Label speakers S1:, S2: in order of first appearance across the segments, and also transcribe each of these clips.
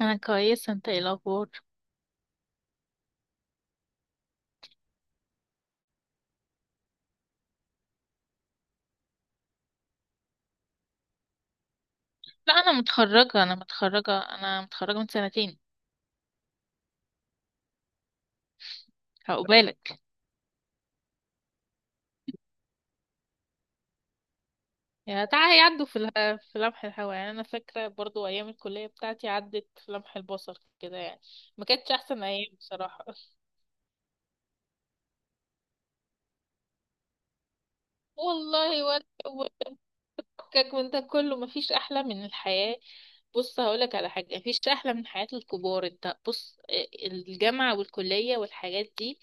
S1: انا كويسه. انت ايه الاخبار؟ لا، انا متخرجه من سنتين. هقبالك يا تعالى يعدوا في لمح الهوا، يعني انا فاكره برضو ايام الكليه بتاعتي عدت في لمح البصر كده يعني. ما كانتش احسن ايام بصراحه. والله ولا. فكك من ده كله، مفيش احلى من الحياة. بص، هقولك على حاجة، مفيش احلى من حياة الكبار. انت بص، الجامعة والكلية والحاجات دي،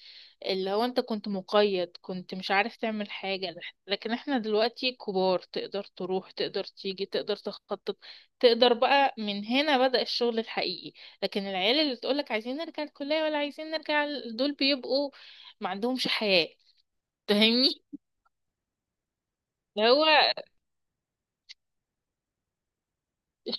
S1: اللي هو انت كنت مقيد، كنت مش عارف تعمل حاجة. لكن احنا دلوقتي كبار، تقدر تروح، تقدر تيجي، تقدر تخطط، تقدر بقى من هنا بدأ الشغل الحقيقي. لكن العيال اللي تقولك عايزين نرجع الكلية ولا عايزين دول بيبقوا ما عندهمش حياة. فاهمني؟ اللي هو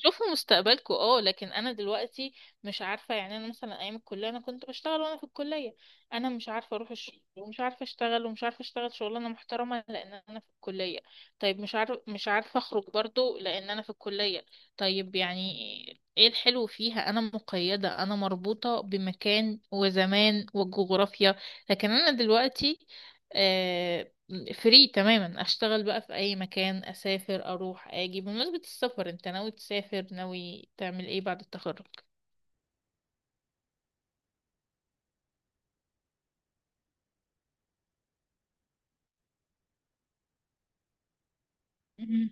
S1: شوفوا مستقبلكم اه. لكن انا دلوقتي مش عارفه، يعني انا مثلا ايام الكليه انا كنت بشتغل وانا في الكليه. انا مش عارفه اروح الشغل، ومش عارفه اشتغل، ومش عارفه اشتغل شغلانه محترمه، لان انا في الكليه. طيب مش عارفه اخرج برضو لان انا في الكليه. طيب يعني ايه الحلو فيها؟ انا مقيده، انا مربوطه بمكان وزمان وجغرافيا. لكن انا دلوقتي آه، فري تماما. اشتغل بقى في اي مكان، اسافر، اروح اجي. بمناسبة السفر، انت ناوي تسافر، ناوي تعمل ايه بعد التخرج؟ مم.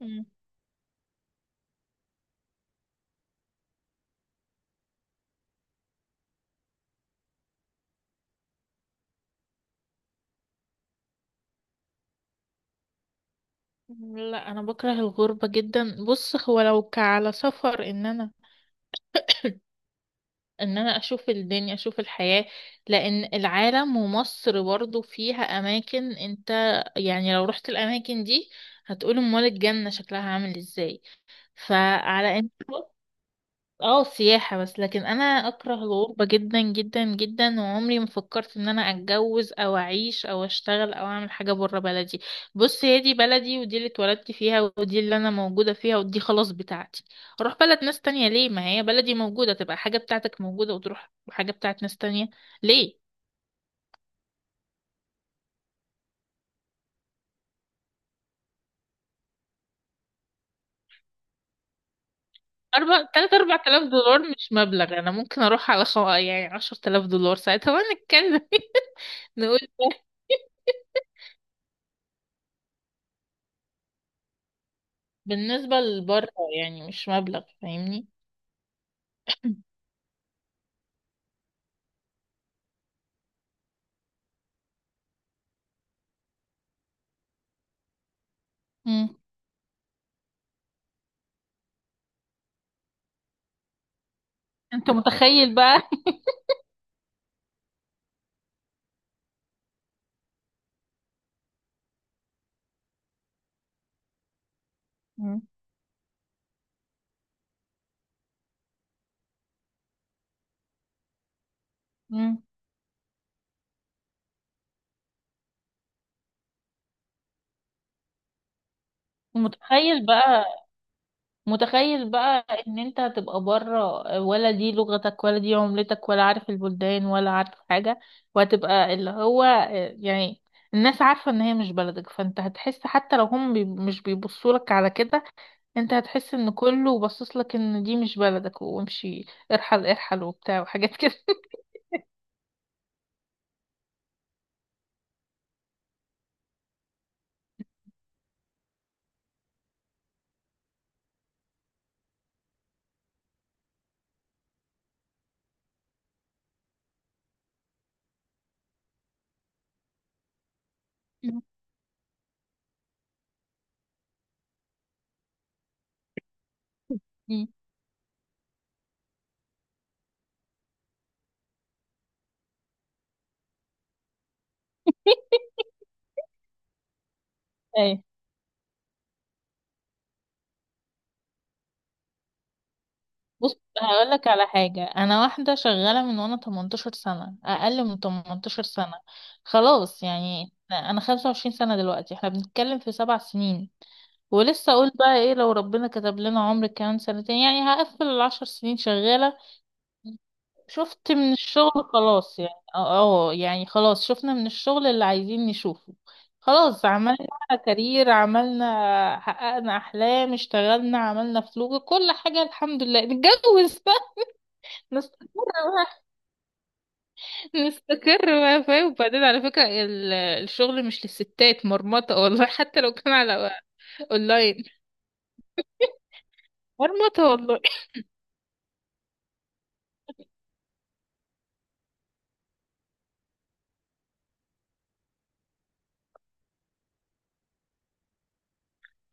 S1: مم. لا انا بكره الغربة جدا. بص، هو لو كعلى سفر ان انا ان انا اشوف الدنيا، اشوف الحياة. لان العالم ومصر برضو فيها اماكن، انت يعني لو رحت الاماكن دي هتقول امال الجنة شكلها عامل ازاي. فعلى انت، اه سياحة بس. لكن انا اكره الغربة جدا جدا جدا، وعمري ما فكرت ان انا اتجوز او اعيش او اشتغل او اعمل حاجة برا بلدي. بص، هي دي بلدي، ودي اللي اتولدت فيها، ودي اللي انا موجودة فيها، ودي خلاص بتاعتي. اروح بلد ناس تانية ليه؟ ما هي بلدي موجودة. تبقى حاجة بتاعتك موجودة وتروح حاجة بتاعت ناس تانية ليه؟ أربع تلات 4000 دولار مش مبلغ. أنا ممكن أروح على خو... يعني 10000 دولار ساعتها ونتكلم. نقول ده بالنسبة لبره، يعني مش مبلغ. فاهمني؟ مم. انت متخيل بقى؟ مم. مم. متخيل بقى، متخيل بقى ان انت هتبقى بره، ولا دي لغتك، ولا دي عملتك، ولا عارف البلدان، ولا عارف حاجة. وهتبقى اللي هو، يعني الناس عارفة ان هي مش بلدك، فانت هتحس حتى لو هم بي مش بيبصولك على كده. انت هتحس ان كله باصصلك ان دي مش بلدك وامشي، ارحل ارحل وبتاع وحاجات كده. مم. ايوه. بص هقول لك على حاجة، أنا واحدة شغالة من وأنا 18 سنة، أقل من 18 سنة. خلاص يعني أنا 25 سنة دلوقتي، احنا بنتكلم في 7 سنين. ولسه أقول بقى إيه لو ربنا كتب لنا عمر كمان سنتين يعني هقفل العشر سنين شغالة. شفت من الشغل خلاص يعني اه. يعني خلاص، شفنا من الشغل اللي عايزين نشوفه. خلاص، عملنا كارير، عملنا، حققنا أحلام، اشتغلنا، عملنا فلوس، كل حاجة الحمد لله، نتجوز. مستقر، مستقر بقى فاهم؟ وبعدين على فكرة الشغل مش للستات، مرمطة والله. حتى لو كان على اونلاين، مرمطة والله.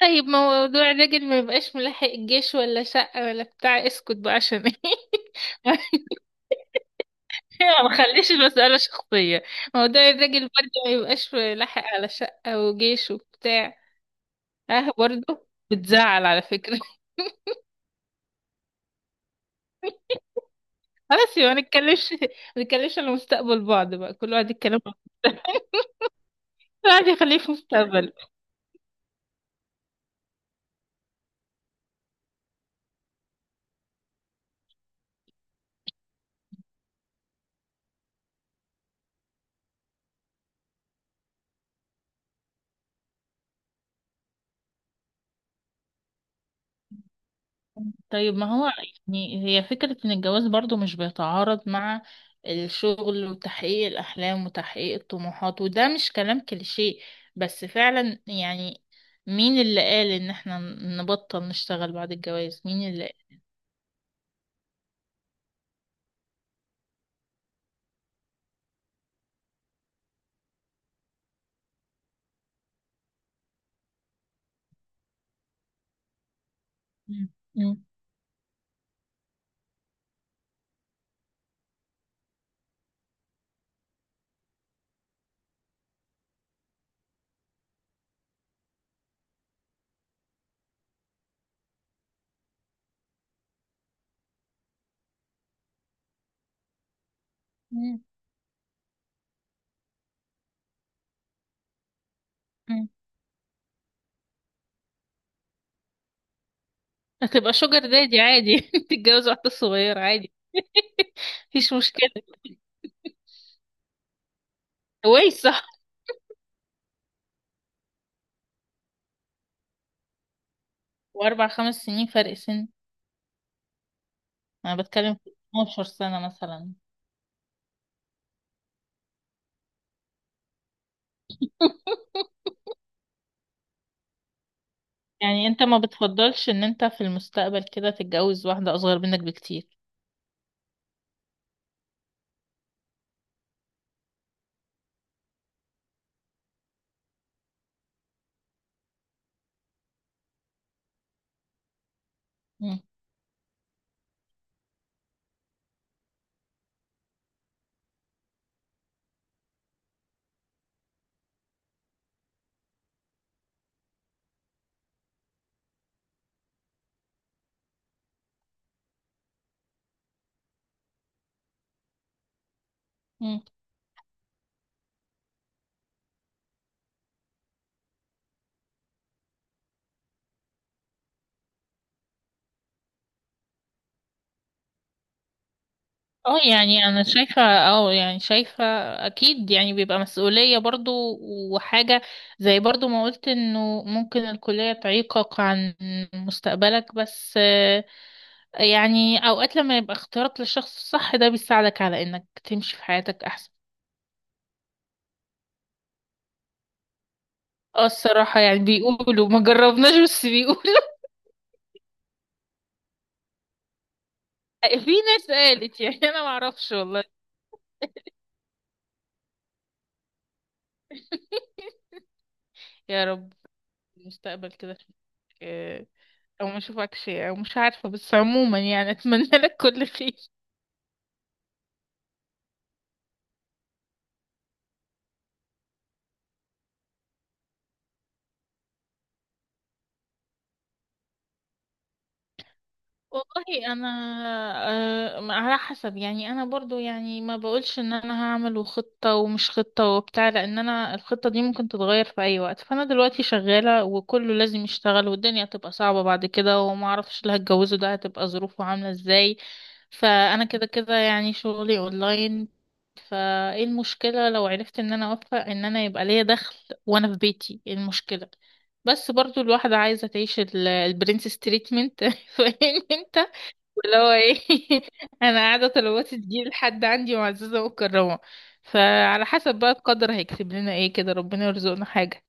S1: طيب موضوع الراجل ما يبقاش ملاحق الجيش ولا شقة ولا بتاع، اسكت بقى عشان ايه؟ ما خليش المسألة شخصية. موضوع الراجل برضه ما يبقاش ملاحق على شقة وجيش وبتاع. اه برضه بتزعل على فكرة. خلاص يبقى ما نتكلمش، ما نتكلمش على مستقبل بعض بقى، كل واحد يتكلم، كل واحد يخليه في مستقبله. طيب ما هو يعني هي فكرة ان الجواز برضو مش بيتعارض مع الشغل وتحقيق الاحلام وتحقيق الطموحات، وده مش كلام كليشيه بس فعلا. يعني مين اللي قال ان احنا نبطل نشتغل بعد الجواز؟ مين اللي قال؟ مم. مم. مم. مم. هتبقى شوجر دادي عادي. تتجوز واحدة صغيرة عادي. مفيش مشكلة. كويس صح. واربع خمس سنين فرق سن، انا بتكلم في 12 سنة مثلا. يعني انت ما بتفضلش ان انت في المستقبل كده تتجوز واحدة اصغر منك بكتير؟ مم. مم. اه يعني انا شايفة، اه يعني شايفة اكيد يعني بيبقى مسؤولية برضو وحاجة. زي برضو ما قلت انه ممكن الكلية تعيقك عن مستقبلك، بس يعني اوقات لما يبقى اختيارك للشخص الصح ده بيساعدك على انك تمشي في حياتك احسن. اه الصراحة يعني بيقولوا ما جربناش بس بيقولوا. في ناس قالت، يعني انا معرفش والله. يا رب المستقبل كده أشوفك، آه، او ما اشوفكش او مش عارفه، بس عموما يعني اتمنى لك كل خير. والله انا على حسب. يعني انا برضو يعني ما بقولش ان انا هعمل خطة ومش خطة وبتاع، لان انا الخطة دي ممكن تتغير في اي وقت. فانا دلوقتي شغالة وكله لازم يشتغل والدنيا هتبقى صعبة بعد كده، وما اعرفش اللي هتجوزه ده هتبقى ظروفه عاملة ازاي. فانا كده كده يعني شغلي اونلاين، فايه المشكلة لو عرفت ان انا اوفق ان انا يبقى ليا دخل وانا في بيتي؟ إيه المشكلة؟ بس برضو الواحدة عايزة تعيش البرنسس تريتمنت. فاهم انت اللي هو ايه؟ انا قاعده طلباتي تجي لحد عندي معززه مكرمه. فعلى حسب بقى القدر هيكتب لنا ايه، كده ربنا يرزقنا حاجه.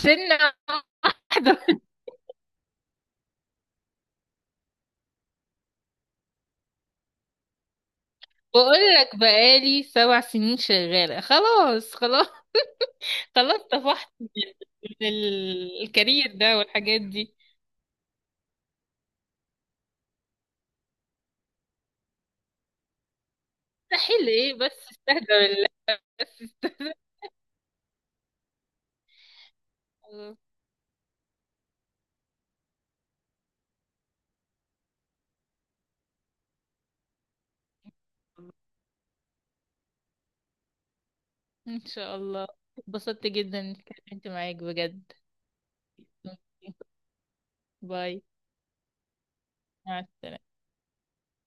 S1: سنه واحده. بقول لك بقالي 7 سنين شغاله، خلاص خلاص. خلاص طفحت من الكارير ده والحاجات دي. مستحيل ايه بس استهدى بالله، بس استهدى. خلاص. ان شاء الله. اتبسطت جدا اني اتكلمت معاك بجد. باي. مع السلامه.